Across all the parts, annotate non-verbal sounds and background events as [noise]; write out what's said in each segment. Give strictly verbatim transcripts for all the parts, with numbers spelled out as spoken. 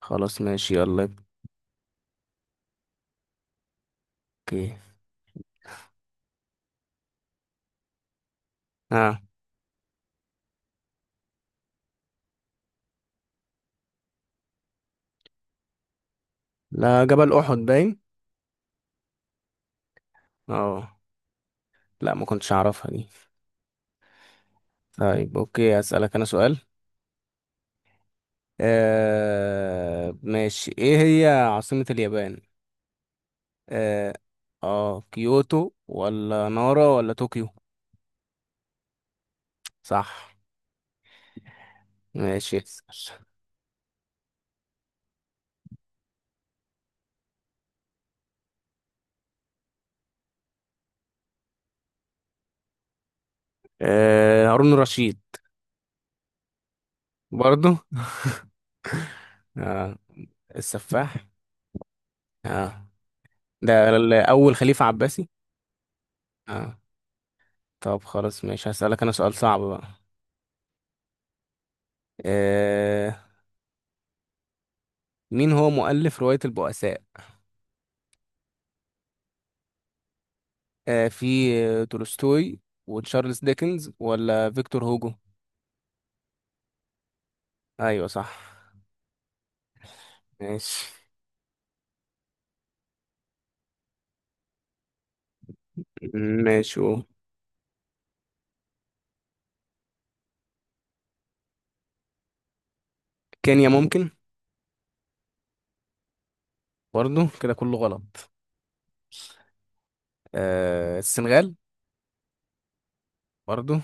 خلاص، ماشي، يلا. اوكي. اه. لا، جبل احد باين. اه. لا، ما كنتش اعرفها دي. طيب، اوكي، هسألك انا سؤال. آه ماشي، ايه هي عاصمة اليابان؟ اه. اه كيوتو ولا نارا ولا طوكيو؟ صح. ماشي، اسأل. آه هارون رشيد. برضو. آه السفاح. اه. ده ال- اول خليفة عباسي. اه. طب خلاص، ماشي، هسألك انا سؤال صعب بقى. آه. مين هو مؤلف رواية البؤساء؟ آه في آه، تولستوي، وتشارلز ديكنز، ولا فيكتور هوجو؟ أيوة، صح. ماشي. ماشي، أوه. كينيا ممكن. برضو. كده كله غلط. آه السنغال. برضو.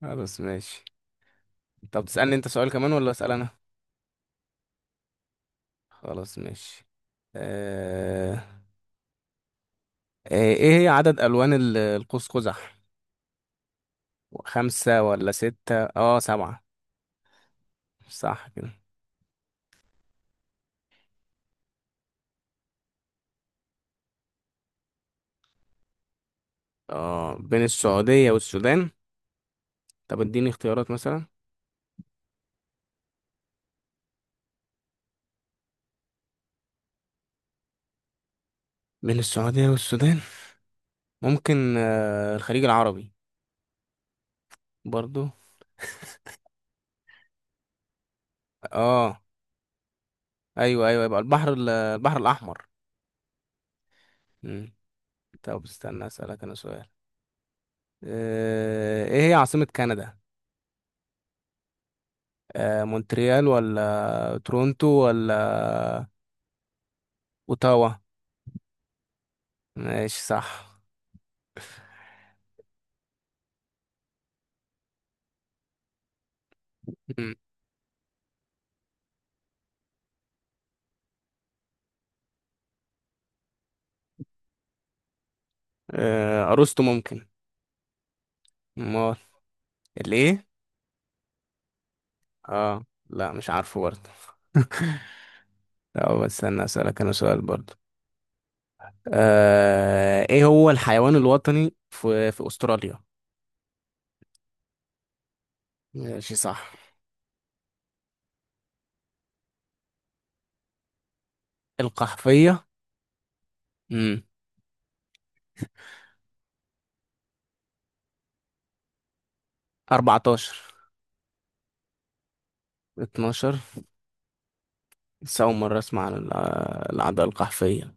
خلاص ماشي. طب تسألني أنت سؤال كمان ولا أسأل أنا؟ خلاص ماشي. آه. آه، إيه هي عدد ألوان ال- القوس قزح؟ خمسة ولا ستة؟ أه سبعة. صح كده. اه، بين السعودية والسودان. طب اديني اختيارات مثلا. بين السعودية والسودان. ممكن آه، الخليج العربي. برضو. اه، ايوه ايوه، يبقى البحر ال- البحر الاحمر. مم. طب استنى اسألك انا سؤال. آه، ايه هي عاصمة كندا؟ آه، مونتريال ولا تورونتو ولا اوتاوا؟ ماشي، صح. مم. آه، ارسطو ممكن. امال؟ الايه؟ اه، لا، مش عارفه برضه. [laughs] طب استنى اسألك انا سؤال برضه. آه، ايه هو الحيوان الوطني في في استراليا؟ ماشي، صح. القحفية؟ امم أربعة عشر، اتناشر. بس أول مرة أسمع عن الع- العدوى القحفية.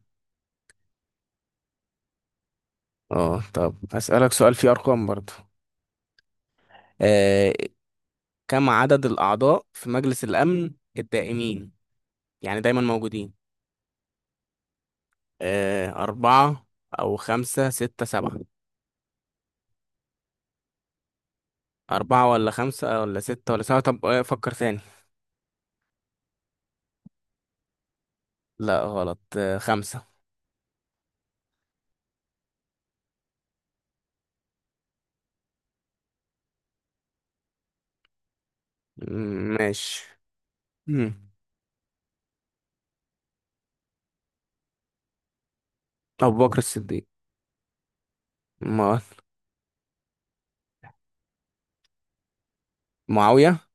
اه. طب هسألك سؤال فيه أرقام برضه. آه، كم عدد الأعضاء في مجلس الأمن الدائمين؟ يعني دايما موجودين. آه، أربعة، أو خمسة، ستة، سبعة. أربعة ولا خمسة ولا ستة ولا سبعة؟ طب آه، فكر ثاني. لا غلط، آه، خمسة. مم، ماشي. مم. أبو بكر الصديق. ما. معاوية.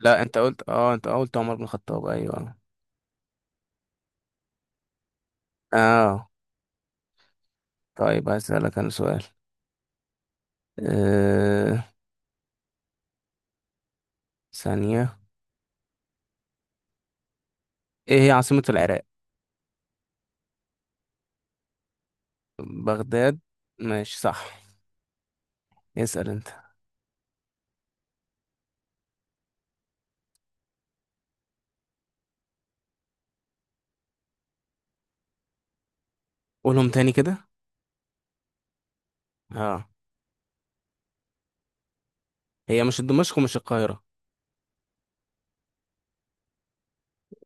لا، أنت قلت، أه أنت قلت عمر بن الخطاب، أيوه. أه. طيب هسألك أنا سؤال. أه... ثانية. إيه هي عاصمة العراق؟ بغداد. ماشي، صح. اسأل أنت. قولهم تاني كده. أه. هي مش دمشق ومش القاهرة.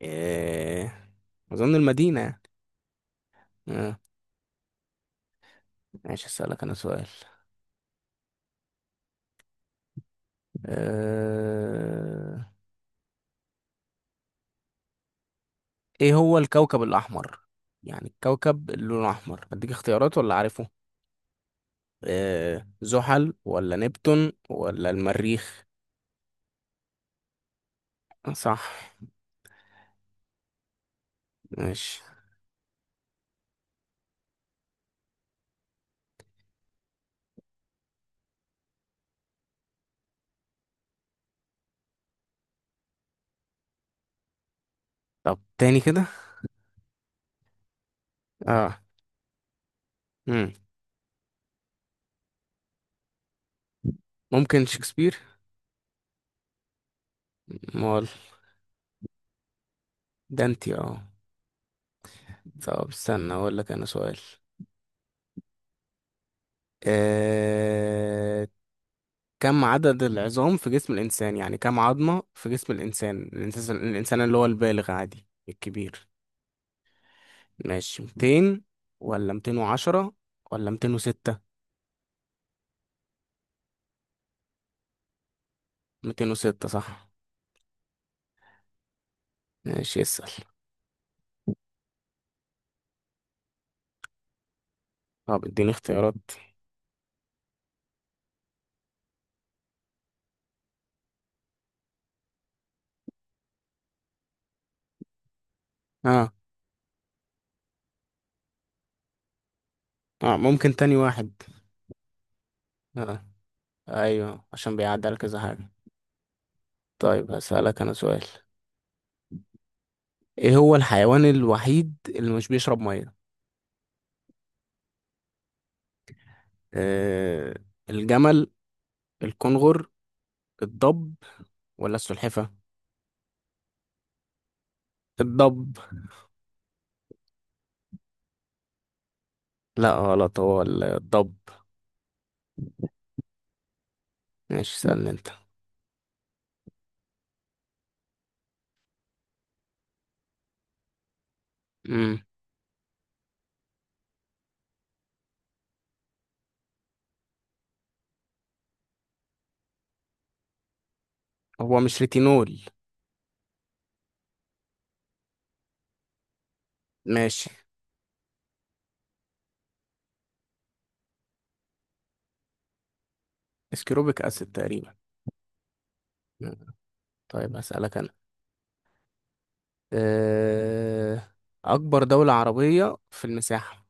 إيه... أظن المدينة يعني. أه. ماشي، هسألك أنا سؤال. أه... إيه هو الكوكب الأحمر؟ يعني الكوكب اللي لونه أحمر. أديك اختيارات ولا عارفه؟ آه زحل ولا نبتون ولا المريخ؟ آه، صح. ماشي. طب، تاني كده. اه. مم. ممكن شكسبير. مال؟ ده انتي، اه. طب استنى، اقول لك انا سؤال. آه... كم عدد العظام في جسم الانسان؟ يعني كم عظمة في جسم الانسان الانسان الانسان اللي هو البالغ عادي الكبير. ماشي، ميتين ولا ميتين وعشرة ولا ميتين وستة؟ ميتين وستة صح. ماشي، اسأل. طب اديني اختيارات. اه. اه، ممكن تاني واحد. اه، ايوه، عشان بيعدي على كذا حاجة. طيب، هسألك انا سؤال. ايه هو الحيوان الوحيد اللي مش بيشرب مية؟ آه الجمل، الكنغر، الضب، ولا السلحفة؟ الضب. لا غلط، هو ال- الضب. ماشي، سألني انت. امم هو مش ريتينول. ماشي. اسكروبيك اسيد تقريبا. مم. طيب، هسألك انا. آه. اكبر دولة عربية في المساحة؟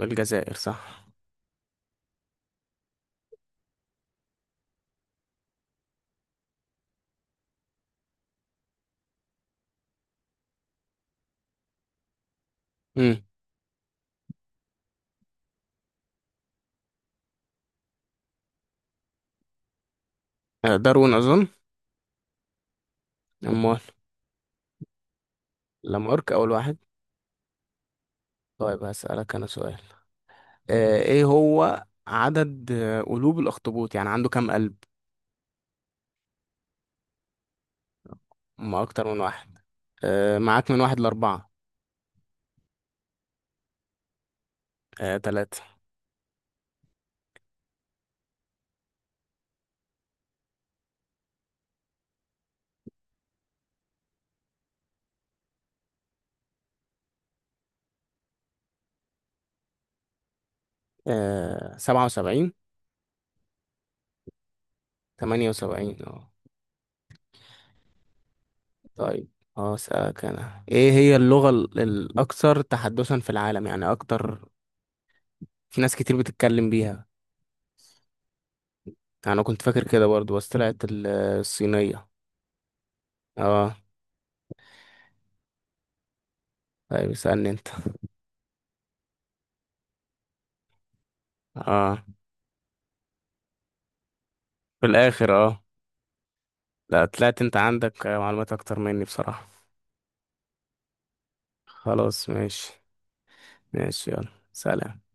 الجزائر، صح. مم. آه، داروين أظن. أمال؟ لامارك أول واحد. طيب هسألك أنا سؤال. آه، إيه هو عدد آه، قلوب الأخطبوط؟ يعني عنده كام قلب؟ ما أكتر من واحد. آه، معاك من واحد لأربعة. آه، تلاتة. آه، سبعة وسبعين. تمانية وسبعين، اه. طيب. اه، أسألك أنا، إيه هي اللغة ال- الأكثر تحدثا في العالم؟ يعني أكتر. في ناس كتير بتتكلم بيها. يعني أنا كنت فاكر كده برضو، بس طلعت ال- الصينية. اه. طيب، اسألني أنت. اه. في الآخر، اه. لا، طلعت انت عندك معلومات اكتر مني بصراحة. خلاص ماشي. ماشي، يلا، سلام.